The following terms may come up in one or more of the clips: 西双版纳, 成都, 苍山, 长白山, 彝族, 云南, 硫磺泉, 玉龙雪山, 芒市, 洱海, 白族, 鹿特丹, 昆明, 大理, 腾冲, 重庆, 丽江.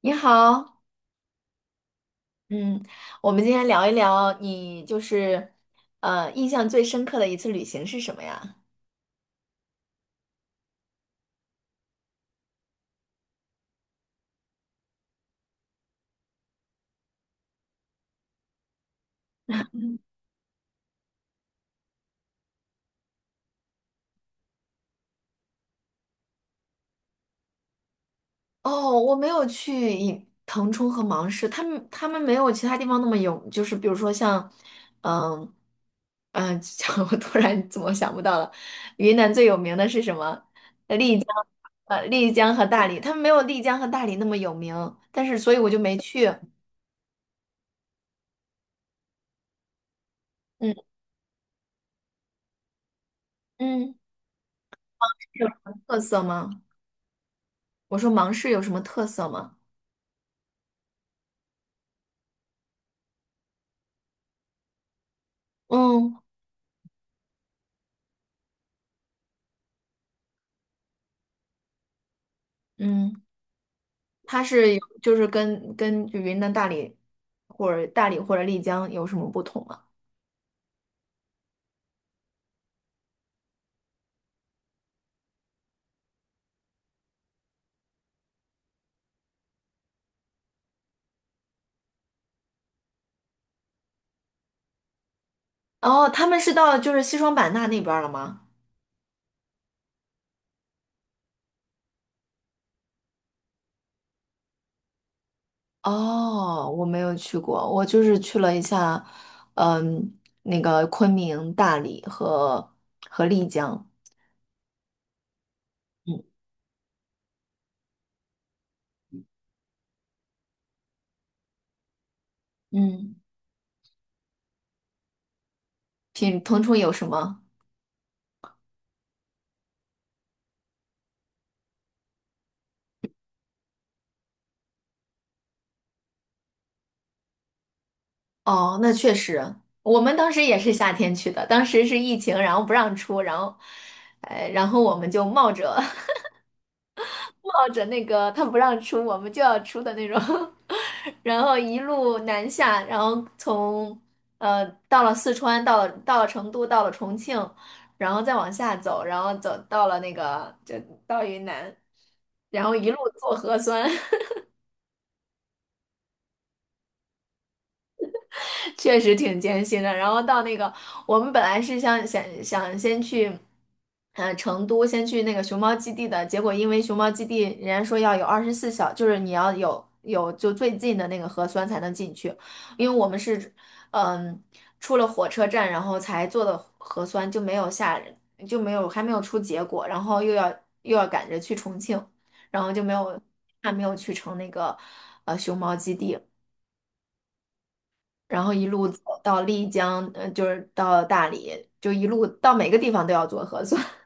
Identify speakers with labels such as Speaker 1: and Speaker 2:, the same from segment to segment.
Speaker 1: 你好，嗯，我们今天聊一聊你就是印象最深刻的一次旅行是什么呀？哦，我没有去以腾冲和芒市，他们没有其他地方那么有，就是比如说像，嗯嗯，我突然怎么想不到了，云南最有名的是什么？丽江，丽江和大理，他们没有丽江和大理那么有名，但是所以我就没去。嗯嗯，有什么特色吗？我说芒市有什么特色吗？嗯嗯，它是有就是跟云南大理或者大理或者丽江有什么不同吗？哦，他们是到就是西双版纳那边儿了吗？哦，我没有去过，我就是去了一下，嗯，那个昆明、大理和丽江。嗯嗯，品腾冲有什么？哦，那确实，我们当时也是夏天去的，当时是疫情，然后不让出，然后，然后我们就冒着那个他不让出，我们就要出的那种，然后一路南下，然后从到了四川，到了成都，到了重庆，然后再往下走，然后走到了那个就到云南，然后一路做核酸，确实挺艰辛的。然后到那个，我们本来是想先去，成都先去那个熊猫基地的，结果因为熊猫基地人家说要有24小，就是你要有就最近的那个核酸才能进去，因为我们是嗯出了火车站，然后才做的核酸，就没有下就没有还没有出结果，然后又要赶着去重庆，然后就没有还没有去成那个熊猫基地。然后一路走到丽江，就是到大理，就一路到每个地方都要做核酸。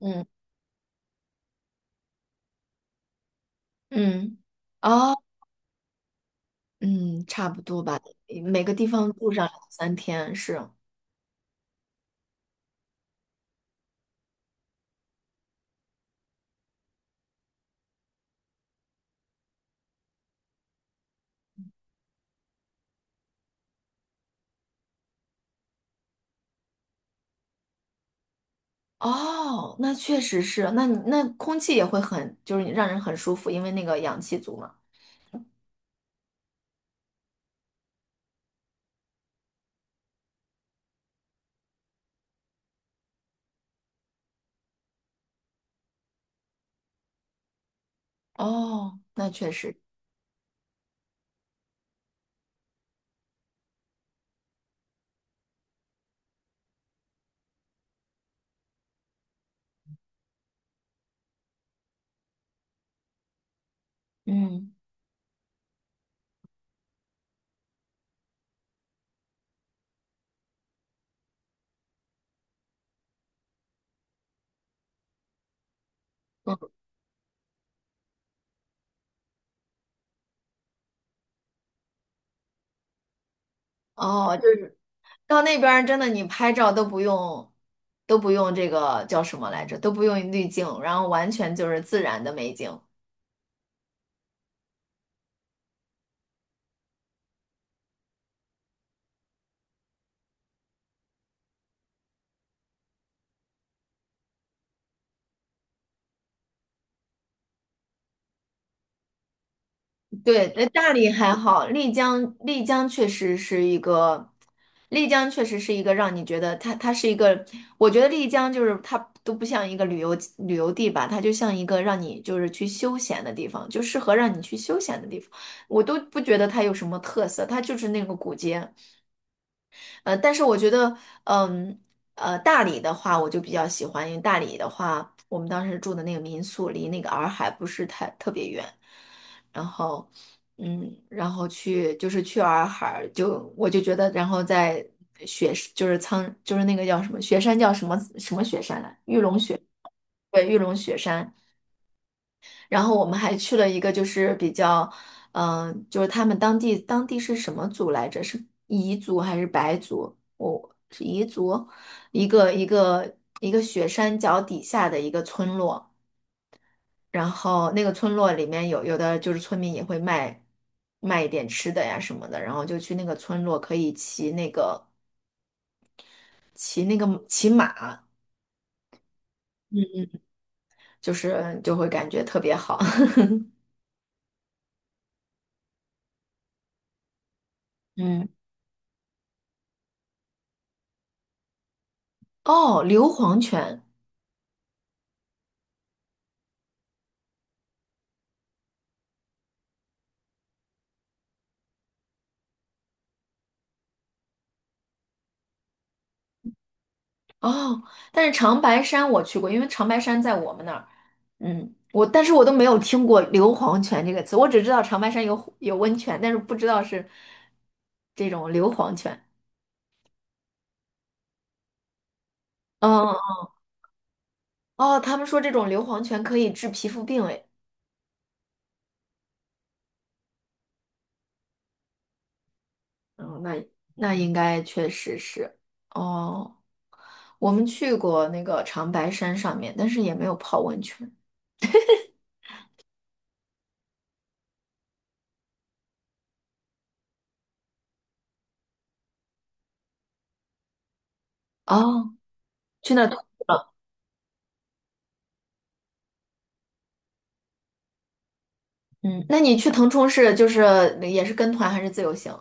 Speaker 1: 嗯嗯，哦，嗯，差不多吧，每个地方住上两三天是。哦，那确实是，那你那空气也会很，就是让人很舒服，因为那个氧气足嘛。哦，那确实，嗯嗯，哦，就是到那边儿真的你拍照都不用，都不用这个叫什么来着，都不用滤镜，然后完全就是自然的美景。对，那大理还好，丽江，丽江确实是一个，丽江确实是一个让你觉得它，它是一个，我觉得丽江就是它都不像一个旅游地吧，它就像一个让你就是去休闲的地方，就适合让你去休闲的地方。我都不觉得它有什么特色，它就是那个古街，但是我觉得，嗯，大理的话，我就比较喜欢，因为大理的话，我们当时住的那个民宿离那个洱海不是太特别远，然后，嗯，然后去就是去洱海，就我就觉得，然后在雪就是苍就是那个叫什么雪山叫什么什么雪山来，对，玉龙雪山。然后我们还去了一个就是比较，就是他们当地是什么族来着？是彝族还是白族？我、是彝族，一个一个一个雪山脚底下的一个村落，然后那个村落里面有的就是村民也会卖卖一点吃的呀什么的，然后就去那个村落可以骑那个骑马，就是就会感觉特别好。嗯，哦，硫磺泉。哦，但是长白山我去过，因为长白山在我们那儿，嗯，我但是我都没有听过硫磺泉这个词，我只知道长白山有温泉，但是不知道是这种硫磺泉。嗯，哦，他们说这种硫磺泉可以治皮肤病，哎，嗯，那那应该确实是。哦，我们去过那个长白山上面，但是也没有泡温泉。哦，去那儿徒步了。嗯，那你去腾冲是就是也是跟团还是自由行？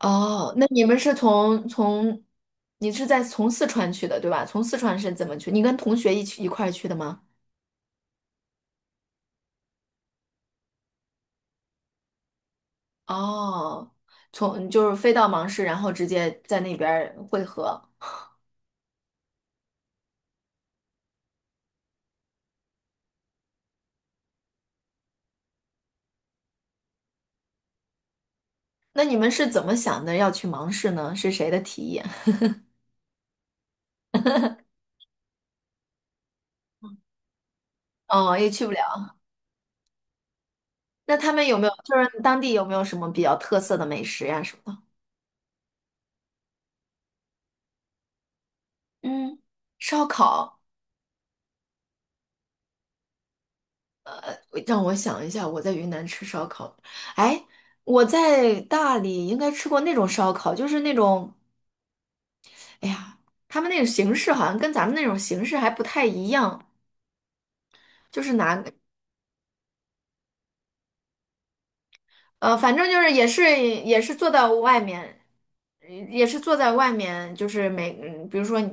Speaker 1: 哦，那你们是从从，你是在从四川去的，对吧？从四川是怎么去？你跟同学一起一块儿去的吗？哦，从就是飞到芒市，然后直接在那边儿汇合。那你们是怎么想的要去芒市呢？是谁的提议？哦，也去不了。那他们有没有就是当地有没有什么比较特色的美食呀、什么的？嗯，烧烤，让我想一下，我在云南吃烧烤，哎，我在大理应该吃过那种烧烤，就是那种。哎呀，他们那种形式好像跟咱们那种形式还不太一样，就是拿，反正就是也是坐到外面，也是坐在外面，就是每，嗯比如说你，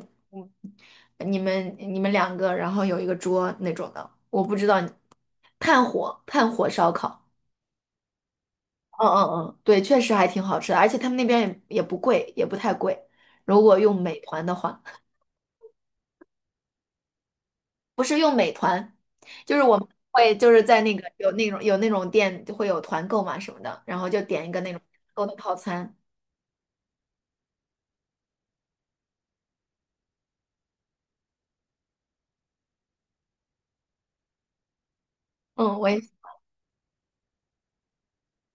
Speaker 1: 你们两个，然后有一个桌那种的，我不知道你，炭火烧烤，嗯嗯嗯，对，确实还挺好吃的，而且他们那边也不贵，也不太贵，如果用美团的话。不是用美团，就是我们会就是在那个有那种有那种店会有团购嘛什么的，然后就点一个那种购的套餐。嗯，我也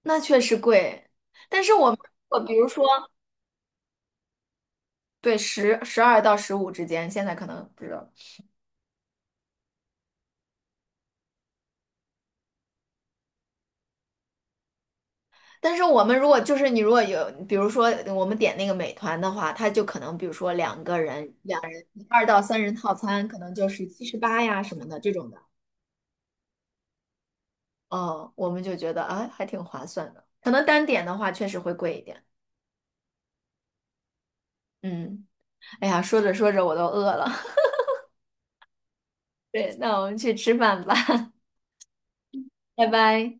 Speaker 1: 那确实贵，但是我们我比如说对十12到15之间，现在可能不知道。但是我们如果就是你如果有，比如说我们点那个美团的话，它就可能比如说两个人两人2到3人套餐，可能就是78呀什么的这种的。哦，我们就觉得啊还挺划算的。可能单点的话确实会贵一点。嗯，哎呀，说着说着我都饿了。对，那我们去吃饭吧，拜拜。